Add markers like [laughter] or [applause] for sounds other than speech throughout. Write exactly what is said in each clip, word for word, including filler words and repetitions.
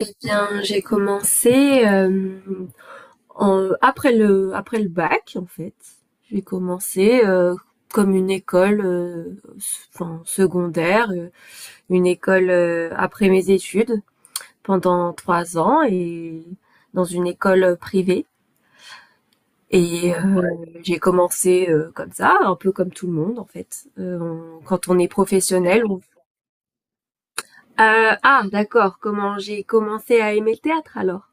Eh bien, j'ai commencé euh, en- après le après le bac en fait. J'ai commencé euh, comme une école, euh, s- enfin secondaire, euh, une école euh, après mes études pendant trois ans et dans une école privée. Et euh, j'ai commencé euh, comme ça, un peu comme tout le monde en fait. Euh, on- quand on est professionnel, on... Euh, ah, d'accord. Comment j'ai commencé à aimer le théâtre alors?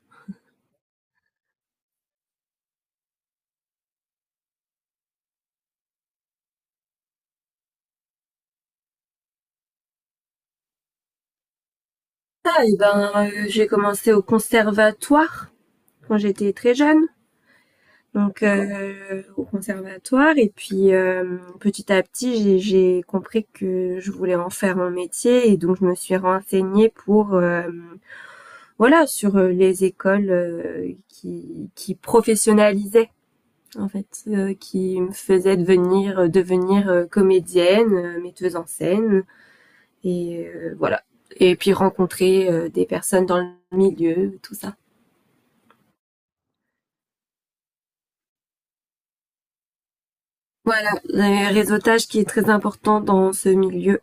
Ah, eh ben, euh, j'ai commencé au conservatoire quand j'étais très jeune. Donc, euh, au conservatoire. Et puis, euh, petit à petit, j'ai, j'ai compris que je voulais en faire mon métier. Et donc, je me suis renseignée pour, euh, voilà, sur euh, les écoles euh, qui, qui professionnalisaient, en fait, euh, qui me faisaient devenir, euh, devenir euh, comédienne, euh, metteuse en scène. Et euh, voilà. Et puis, rencontrer euh, des personnes dans le milieu, tout ça. Voilà, le réseautage qui est très important dans ce milieu.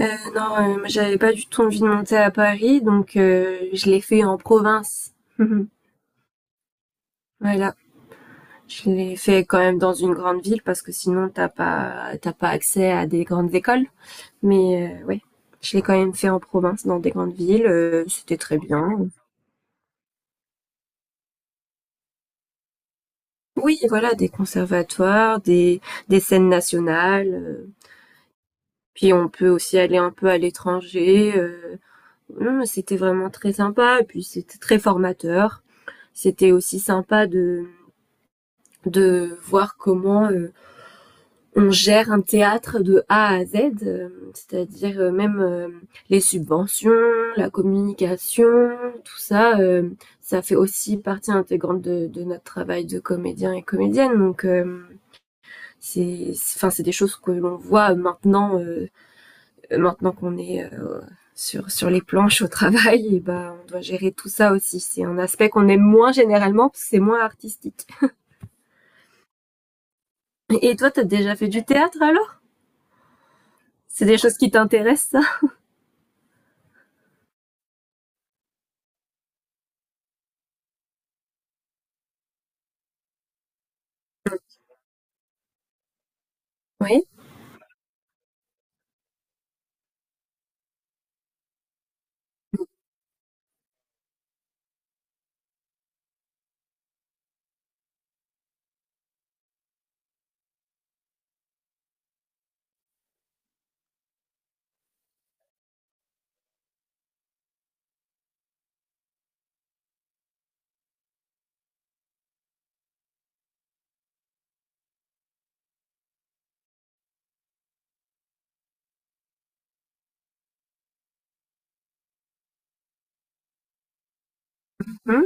Euh, non, euh, j'avais pas du tout envie de monter à Paris, donc euh, je l'ai fait en province. [laughs] Voilà, je l'ai fait quand même dans une grande ville parce que sinon t'as pas t'as pas accès à des grandes écoles. Mais oui, je l'ai quand même fait en province, dans des grandes villes. Euh, C'était très bien. Oui, voilà, des conservatoires, des des scènes nationales. Euh, puis on peut aussi aller un peu à l'étranger. Euh, non, c'était vraiment très sympa. Et puis c'était très formateur. C'était aussi sympa de de voir comment euh, on gère un théâtre de A à Z, euh, c'est-à-dire euh, même euh, les subventions, la communication, tout ça, euh, ça fait aussi partie intégrante de, de, notre travail de comédien et comédienne. Donc euh, c'est, enfin c'est des choses que l'on voit maintenant, euh, maintenant qu'on est euh, sur sur les planches au travail, et ben on doit gérer tout ça aussi. C'est un aspect qu'on aime moins généralement parce que c'est moins artistique. Et toi, t'as déjà fait du théâtre alors? C'est des choses qui t'intéressent, ça? Oui. Hum,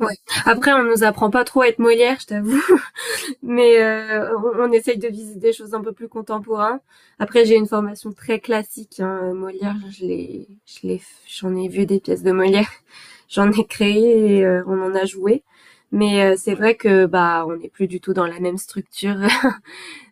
ouais. Après, on nous apprend pas trop à être Molière, je t'avoue. [laughs] Mais euh, on, on essaye de viser des choses un peu plus contemporaines. Après, j'ai une formation très classique. Hein. Molière, je l'ai, je l'ai, j'en ai vu des pièces de Molière, [laughs] j'en ai créé et euh, on en a joué. Mais euh, c'est vrai que bah on n'est plus du tout dans la même structure,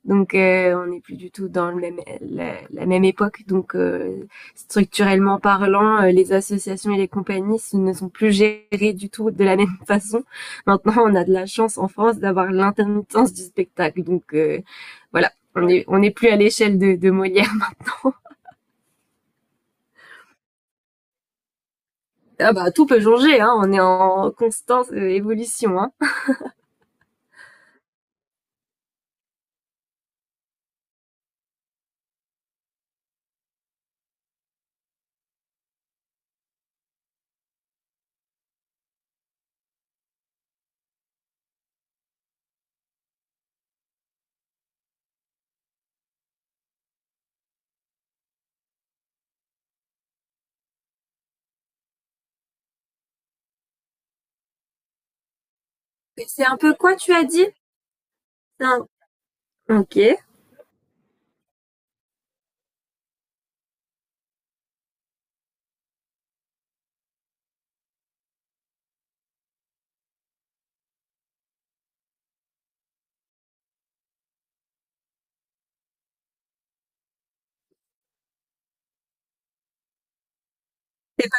donc euh, on n'est plus du tout dans le même, la, la même époque. Donc euh, structurellement parlant, euh, les associations et les compagnies ne sont plus gérées du tout de la même [laughs] façon. Maintenant, on a de la chance en France d'avoir l'intermittence du spectacle. Donc euh, voilà. On n'est On est plus à l'échelle de, de Molière. [laughs] Ah bah tout peut changer, hein, on est en constante euh, évolution. Hein. C'est un peu quoi tu as dit? Un... Ok.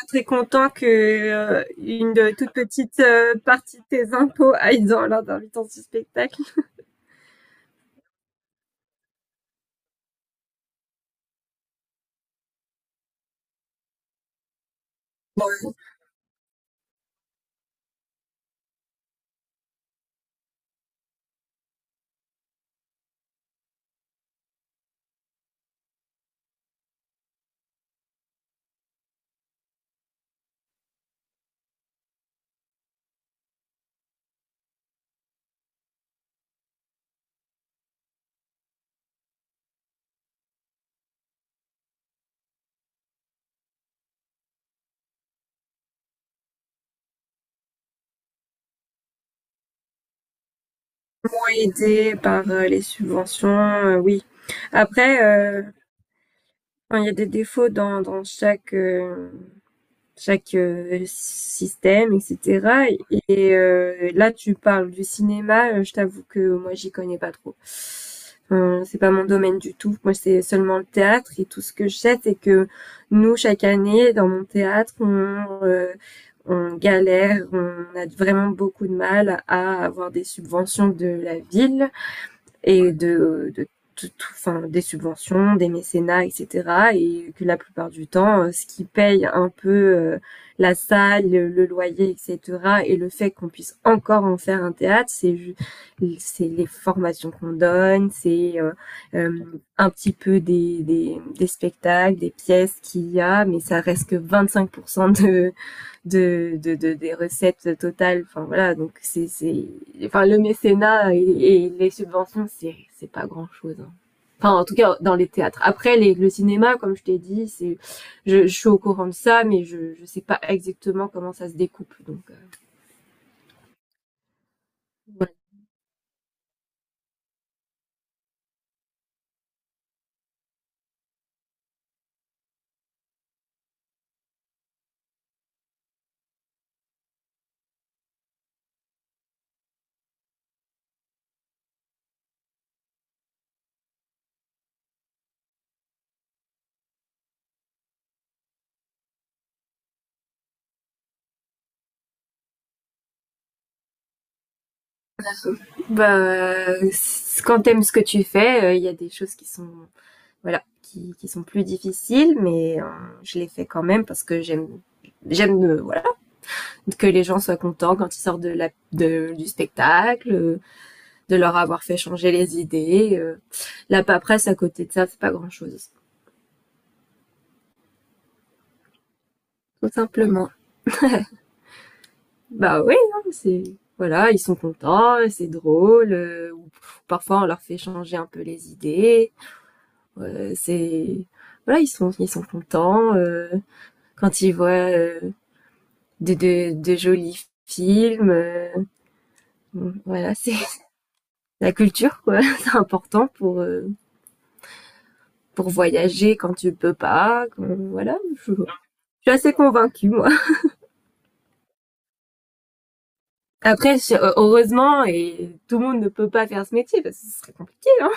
Très content que euh, une toute petite euh, partie de tes impôts aille dans lors d'un huit ce spectacle. Ont aidé par euh, les subventions, euh, oui. Après, euh, enfin, il y a des défauts dans, dans chaque euh, chaque euh, système, et cetera. Et euh, là, tu parles du cinéma. Euh, je t'avoue que moi, j'y connais pas trop. Euh, c'est pas mon domaine du tout. Moi, c'est seulement le théâtre. Et tout ce que je sais, c'est que nous, chaque année, dans mon théâtre, on, euh, on galère. On a vraiment beaucoup de mal à avoir des subventions de la ville et de, de tout- tout- enfin, des subventions, des mécénats, et cetera. Et que la plupart du temps, euh, ce qui paye un peu, euh, la salle, le, le loyer, et cetera. Et le fait qu'on puisse encore en faire un théâtre, c'est ju- c'est les formations qu'on donne, c'est euh, euh, un petit peu des, des, des spectacles, des pièces qu'il y a, mais ça reste que vingt-cinq pour cent de, de, de, de, des recettes totales. Enfin voilà, donc c'est, c'est, enfin le mécénat et, et les subventions, c'est, c'est pas grand chose. Hein. Enfin, en tout cas, dans les théâtres. Après, les, le cinéma, comme je t'ai dit, c'est, je, je suis au courant de ça, mais je, je sais pas exactement comment ça se découpe. Donc, euh, bah, quand t'aimes ce que tu fais, il euh, y a des choses qui sont, voilà, qui, qui sont plus difficiles, mais euh, je les fais quand même parce que j'aime, j'aime, euh, voilà. Que les gens soient contents quand ils sortent de la, de, du spectacle, euh, de leur avoir fait changer les idées. euh. La paperasse à côté de ça, c'est pas grand-chose. Tout simplement. Bah oui, hein, c'est voilà, ils sont contents, c'est drôle. Euh, parfois, on leur fait changer un peu les idées. Euh, c'est voilà, ils sont ils sont contents, euh, quand ils voient euh, de, de, de jolis films. Euh, voilà, c'est [laughs] la culture quoi. C'est important pour euh, pour voyager quand tu peux pas. Voilà, je, je suis assez convaincue moi. Après, heureusement, et tout le monde ne peut pas faire ce métier parce que ce serait compliqué. Hein.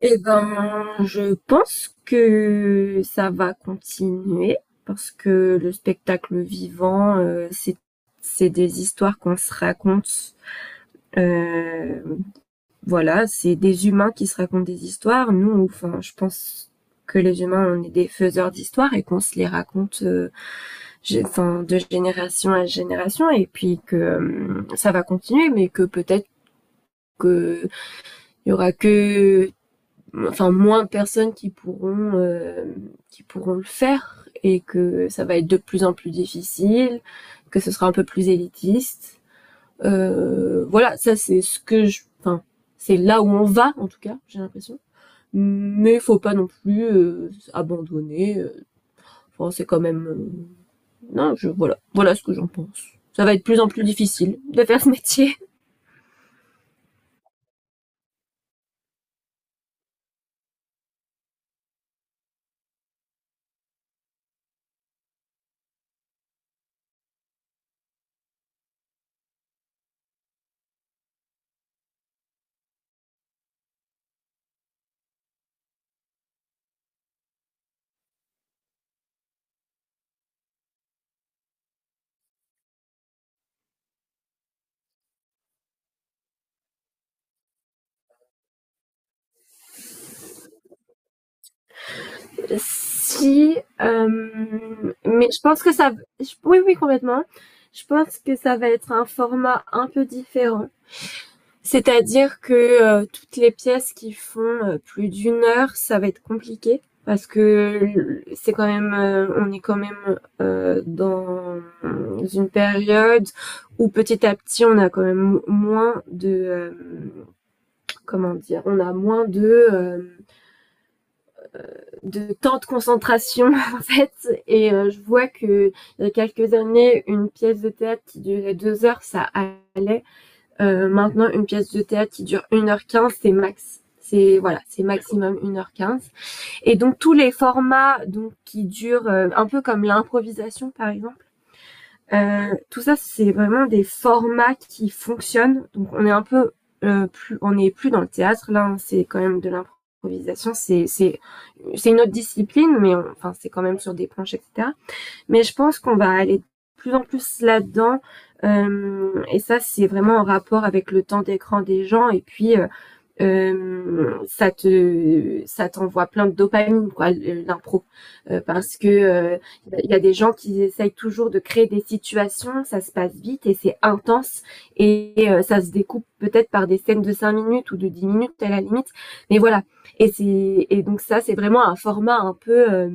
Et ben, je pense que ça va continuer parce que le spectacle vivant, euh, c'est c'est des histoires qu'on se raconte. Euh, voilà, c'est des humains qui se racontent des histoires. Nous, enfin, je pense que les humains, on est des faiseurs d'histoires et qu'on se les raconte, euh, enfin, de génération à génération, et puis que euh, ça va continuer, mais que peut-être qu'il y aura que enfin moins de personnes qui pourront, euh, qui pourront le faire, et que ça va être de plus en plus difficile, que ce sera un peu plus élitiste, euh, voilà, ça c'est ce que je, enfin, c'est là où on va en tout cas, j'ai l'impression. Mais faut pas non plus, euh, abandonner. euh, Enfin, c'est quand même, euh, non, je voilà, voilà ce que j'en pense. Ça va être de plus en plus difficile de faire ce métier. Si, euh, mais je pense que ça, oui, oui, complètement. Je pense que ça va être un format un peu différent. C'est-à-dire que euh, toutes les pièces qui font euh, plus d'une heure, ça va être compliqué parce que c'est quand même, euh, on est quand même euh, dans une période où petit à petit, on a quand même moins de, euh, comment dire, on a moins de, euh, de temps de concentration [laughs] en fait. Et euh, je vois que il y a quelques années, une pièce de théâtre qui durait deux heures, ça allait. Euh, maintenant, une pièce de théâtre qui dure une heure quinze, c'est max. C'est voilà, c'est maximum une heure quinze. Et donc tous les formats donc qui durent, euh, un peu comme l'improvisation par exemple. Euh, tout ça c'est vraiment des formats qui fonctionnent. Donc on est un peu, euh, plus on n'est plus dans le théâtre là, hein, c'est quand même de l'improvisation, c'est c'est c'est une autre discipline mais on- enfin c'est quand même sur des planches et cetera. Mais je pense qu'on va aller de plus en plus là-dedans. Euh, et ça, c'est vraiment en rapport avec le temps d'écran des gens et puis euh, euh, ça te ça t'envoie plein de dopamine quoi l'impro, euh, parce que euh, il y a des gens qui essayent toujours de créer des situations, ça se passe vite et c'est intense, et euh, ça se découpe peut-être par des scènes de cinq minutes ou de dix minutes à la limite, mais voilà, et c'est et donc ça c'est vraiment un format un peu, euh,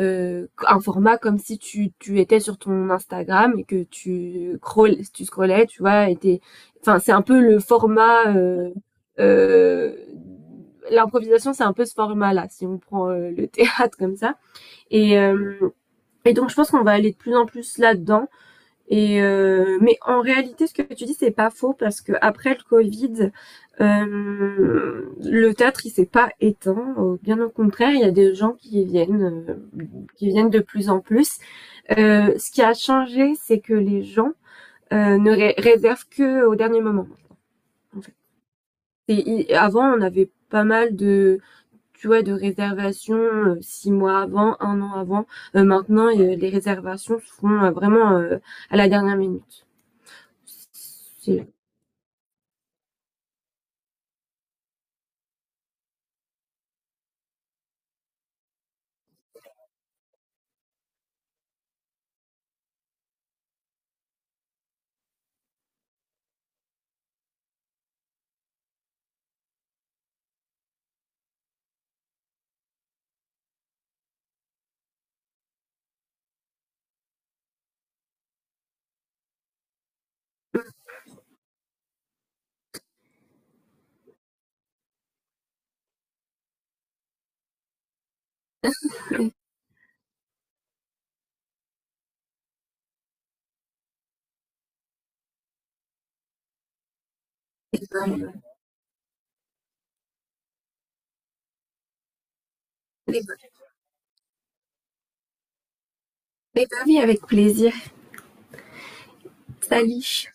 Euh, un format comme si tu, tu étais sur ton Instagram et que tu, scroll, tu scrollais, tu vois, était, enfin, c'est un peu le format, euh, euh, l'improvisation, c'est un peu ce format-là, si on prend euh, le [laughs] théâtre comme ça. Et, euh, et donc, je pense qu'on va aller de plus en plus là-dedans. Et euh, mais en réalité, ce que tu dis, c'est pas faux parce que après le Covid, euh, le théâtre, il s'est pas éteint. Bien au contraire, il y a des gens qui viennent, euh, qui viennent de plus en plus. Euh, ce qui a changé, c'est que les gens euh, ne ré réservent que au dernier moment. En fait. Et, et avant, on avait pas mal de, tu vois, de réservation, euh, six mois avant, un an avant. Euh, maintenant, euh, les réservations se font euh, vraiment euh, à la dernière minute. C'est... Eh ben, eh ben eh ben oui, avec plaisir. Salut.